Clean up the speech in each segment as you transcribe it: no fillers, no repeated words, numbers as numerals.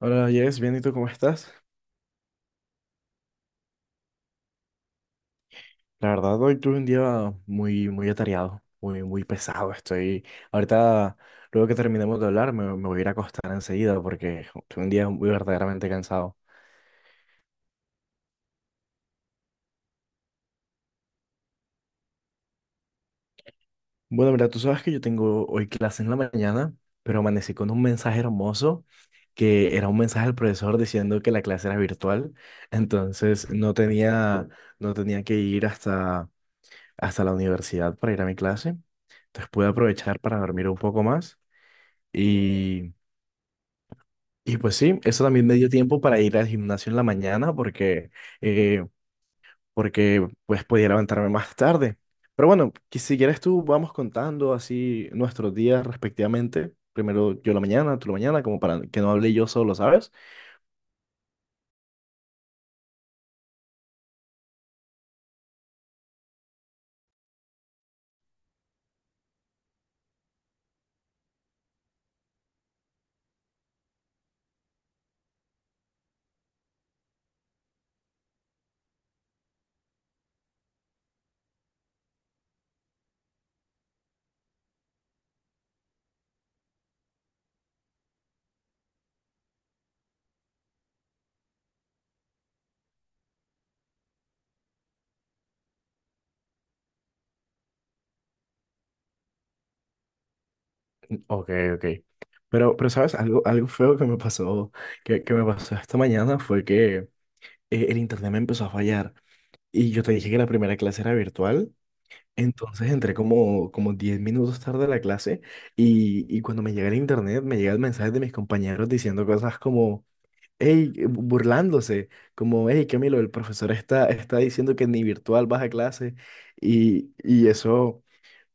Hola, Jess, bien, ¿y tú cómo estás? La verdad, hoy tuve un día muy, muy atareado, muy, muy pesado. Estoy, ahorita, luego que terminemos de hablar, me voy a ir a acostar enseguida porque tuve un día muy verdaderamente cansado. Bueno, mira, tú sabes que yo tengo hoy clase en la mañana, pero amanecí con un mensaje hermoso que era un mensaje del profesor diciendo que la clase era virtual, entonces no tenía que ir hasta la universidad para ir a mi clase. Entonces pude aprovechar para dormir un poco más. Y, y pues sí, eso también me dio tiempo para ir al gimnasio en la mañana eh, porque pues podía levantarme más tarde. Pero bueno, que si quieres tú vamos contando así nuestros días respectivamente. Primero yo la mañana, tú la mañana, como para que no hable yo solo, ¿sabes? Ok, ok. Pero ¿sabes? Algo feo que me pasó, que me pasó esta mañana fue que el internet me empezó a fallar. Y yo te dije que la primera clase era virtual. Entonces entré como 10 minutos tarde a la clase, y cuando me llega el internet me llega el mensaje de mis compañeros diciendo cosas como, "Hey", burlándose, como, "Hey, Camilo, el profesor está diciendo que ni virtual vas a clase". Y eso,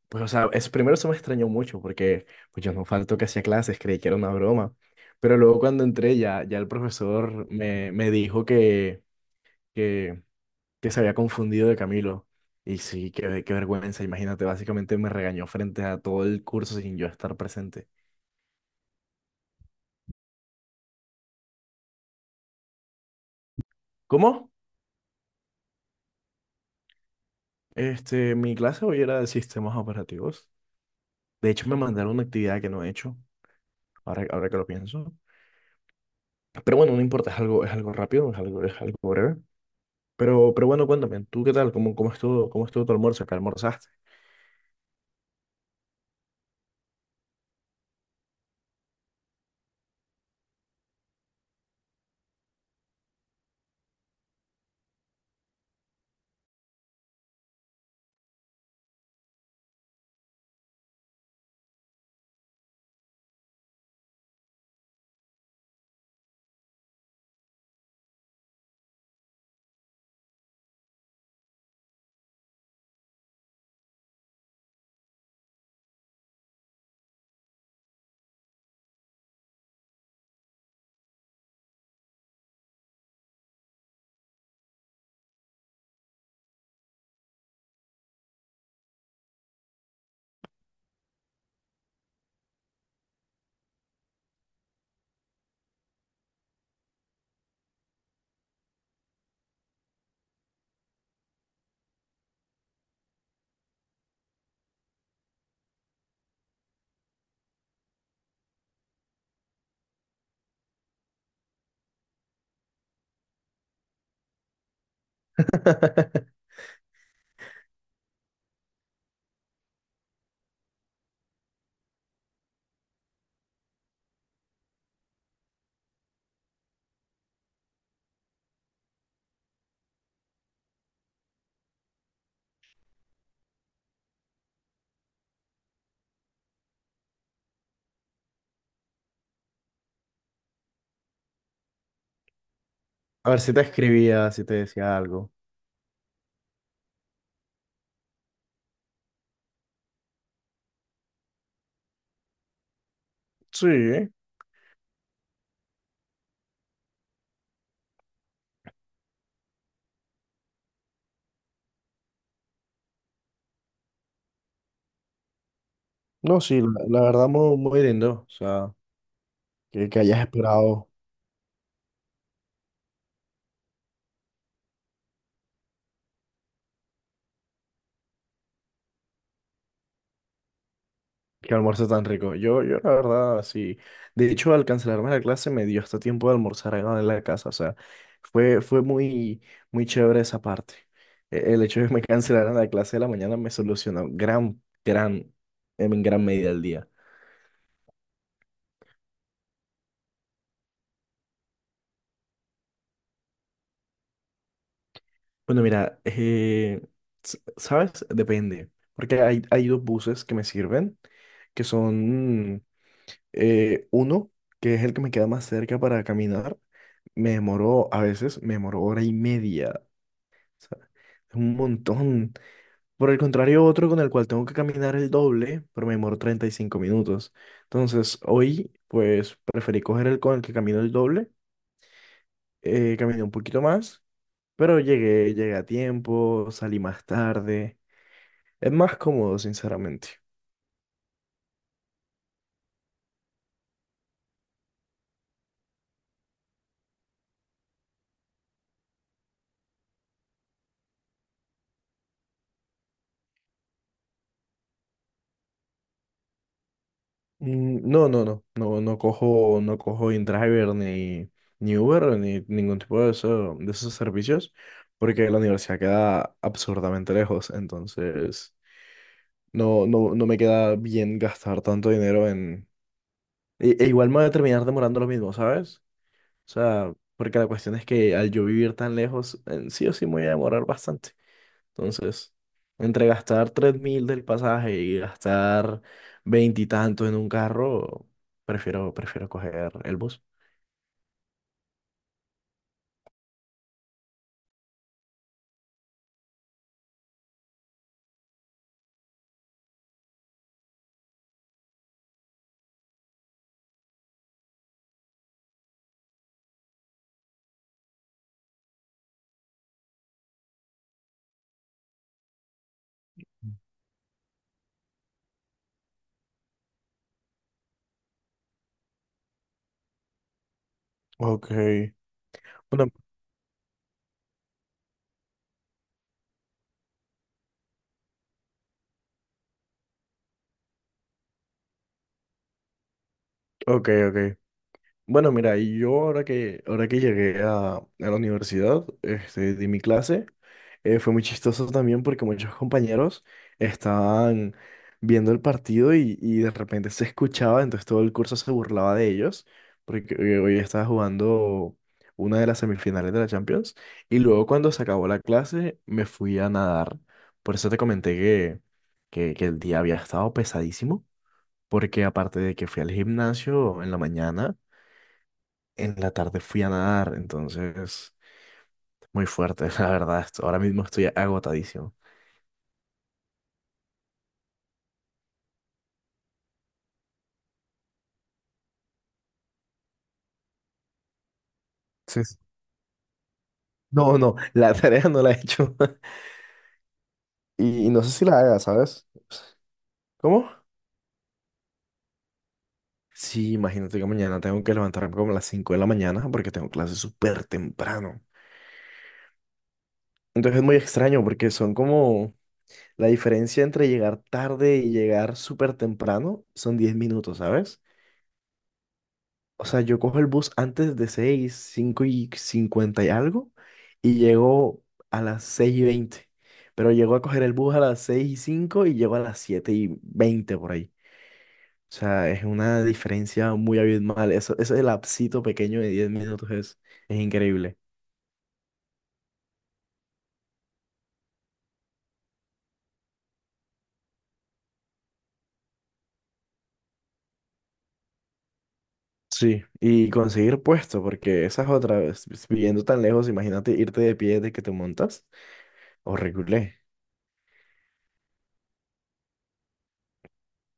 pues o sea, es, primero eso me extrañó mucho porque pues yo no falto que hacía clases, creí que era una broma, pero luego cuando entré ya el profesor me dijo que que se había confundido de Camilo. Y sí, qué vergüenza, imagínate, básicamente me regañó frente a todo el curso sin yo estar presente. ¿Cómo? Mi clase hoy era de sistemas operativos. De hecho, me mandaron una actividad que no he hecho, ahora que lo pienso. Pero bueno, no importa, es algo rápido, es algo breve. Pero bueno, cuéntame, ¿tú qué tal? ¿Cómo estuvo tu almuerzo? ¿Qué almorzaste? A ver si te escribía, si te decía algo. Sí, no, sí, la verdad muy, muy lindo. O sea, que hayas esperado. Qué almuerzo tan rico. Yo la verdad, sí. De hecho, al cancelarme la clase me dio hasta tiempo de almorzar acá en la casa. O sea, fue muy, muy chévere esa parte. El hecho de que me cancelaran la clase de la mañana me solucionó en gran medida el día. Bueno, mira, ¿sabes? Depende. Porque hay dos buses que me sirven, que son uno, que es el que me queda más cerca para caminar. A veces me demoró hora y media. Sea, es un montón. Por el contrario, otro con el cual tengo que caminar el doble, pero me demoro 35 minutos. Entonces, hoy, pues, preferí coger el con el que camino el doble. Caminé un poquito más, pero llegué a tiempo, salí más tarde. Es más cómodo, sinceramente. Mm, no, no, no, no, no cojo InDriver ni Uber ni ningún tipo de esos servicios, porque la universidad queda absurdamente lejos. Entonces, no, no, no me queda bien gastar tanto dinero en... E igual me voy a terminar demorando lo mismo, ¿sabes? O sea, porque la cuestión es que al yo vivir tan lejos, sí o sí me voy a demorar bastante. Entonces, entre gastar 3.000 del pasaje y gastar veintitantos en un carro, prefiero coger el bus. Ok. Bueno, ok, ok. Bueno, mira, y yo ahora que llegué a la universidad, de mi clase, fue muy chistoso también porque muchos compañeros estaban viendo el partido y de repente se escuchaba, entonces todo el curso se burlaba de ellos, porque hoy estaba jugando una de las semifinales de la Champions, y luego cuando se acabó la clase me fui a nadar, por eso te comenté que el día había estado pesadísimo, porque aparte de que fui al gimnasio en la mañana, en la tarde fui a nadar, entonces muy fuerte, la verdad. Ahora mismo estoy agotadísimo. Sí, sí. No, no, la tarea no la he hecho. Y no sé si la haga, ¿sabes? ¿Cómo? Sí, imagínate que mañana tengo que levantarme como a las 5 de la mañana porque tengo clases súper temprano. Entonces es muy extraño porque son como la diferencia entre llegar tarde y llegar súper temprano son 10 minutos, ¿sabes? O sea, yo cojo el bus antes de 6 5 y 50 y algo, y llego a las 6:20. Pero llego a coger el bus a las 6:05 y llego a las 7:20 por ahí. O sea, es una diferencia muy abismal. Eso, ese lapsito pequeño de 10 minutos es increíble. Sí, y conseguir puesto, porque esa es otra vez, viviendo tan lejos, imagínate irte de pie desde que te montas, horrible.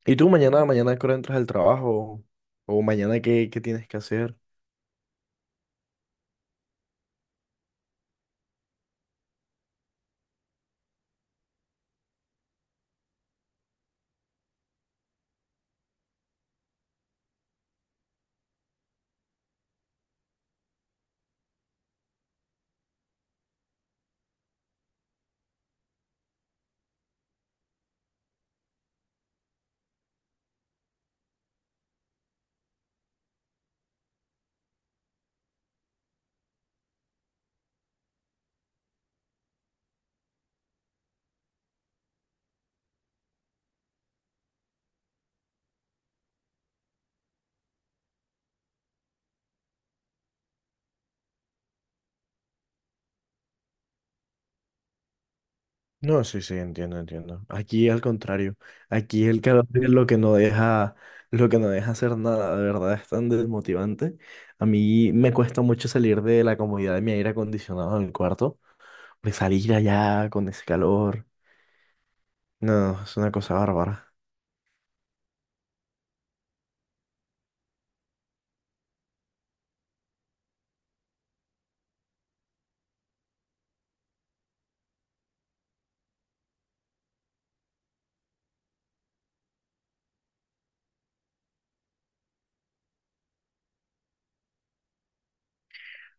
¿Y tú mañana a qué hora entras al trabajo? ¿O mañana qué tienes que hacer? No, sí, sí, entiendo, entiendo. Aquí al contrario. Aquí el carácter es lo que no deja, hacer nada, de verdad es tan desmotivante. A mí me cuesta mucho salir de la comodidad de mi aire acondicionado en el cuarto, pues salir allá con ese calor. No, es una cosa bárbara.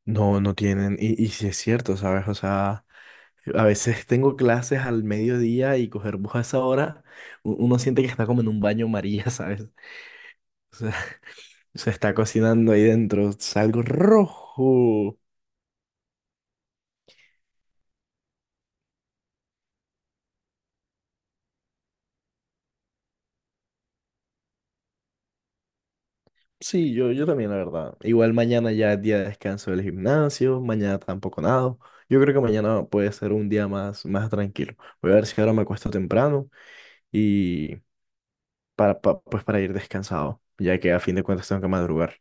No, no tienen, y sí es cierto, ¿sabes? O sea, a veces tengo clases al mediodía y coger bus a esa hora, uno siente que está como en un baño María, ¿sabes? Se está cocinando ahí dentro, salgo rojo. Sí, yo también, la verdad. Igual mañana ya es día de descanso del gimnasio, mañana tampoco nado. Yo creo que mañana puede ser un día más, más tranquilo. Voy a ver si ahora me acuesto temprano y pues para ir descansado, ya que a fin de cuentas tengo que madrugar.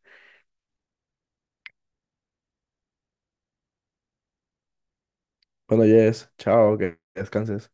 Bueno, Jess, chao, que descanses.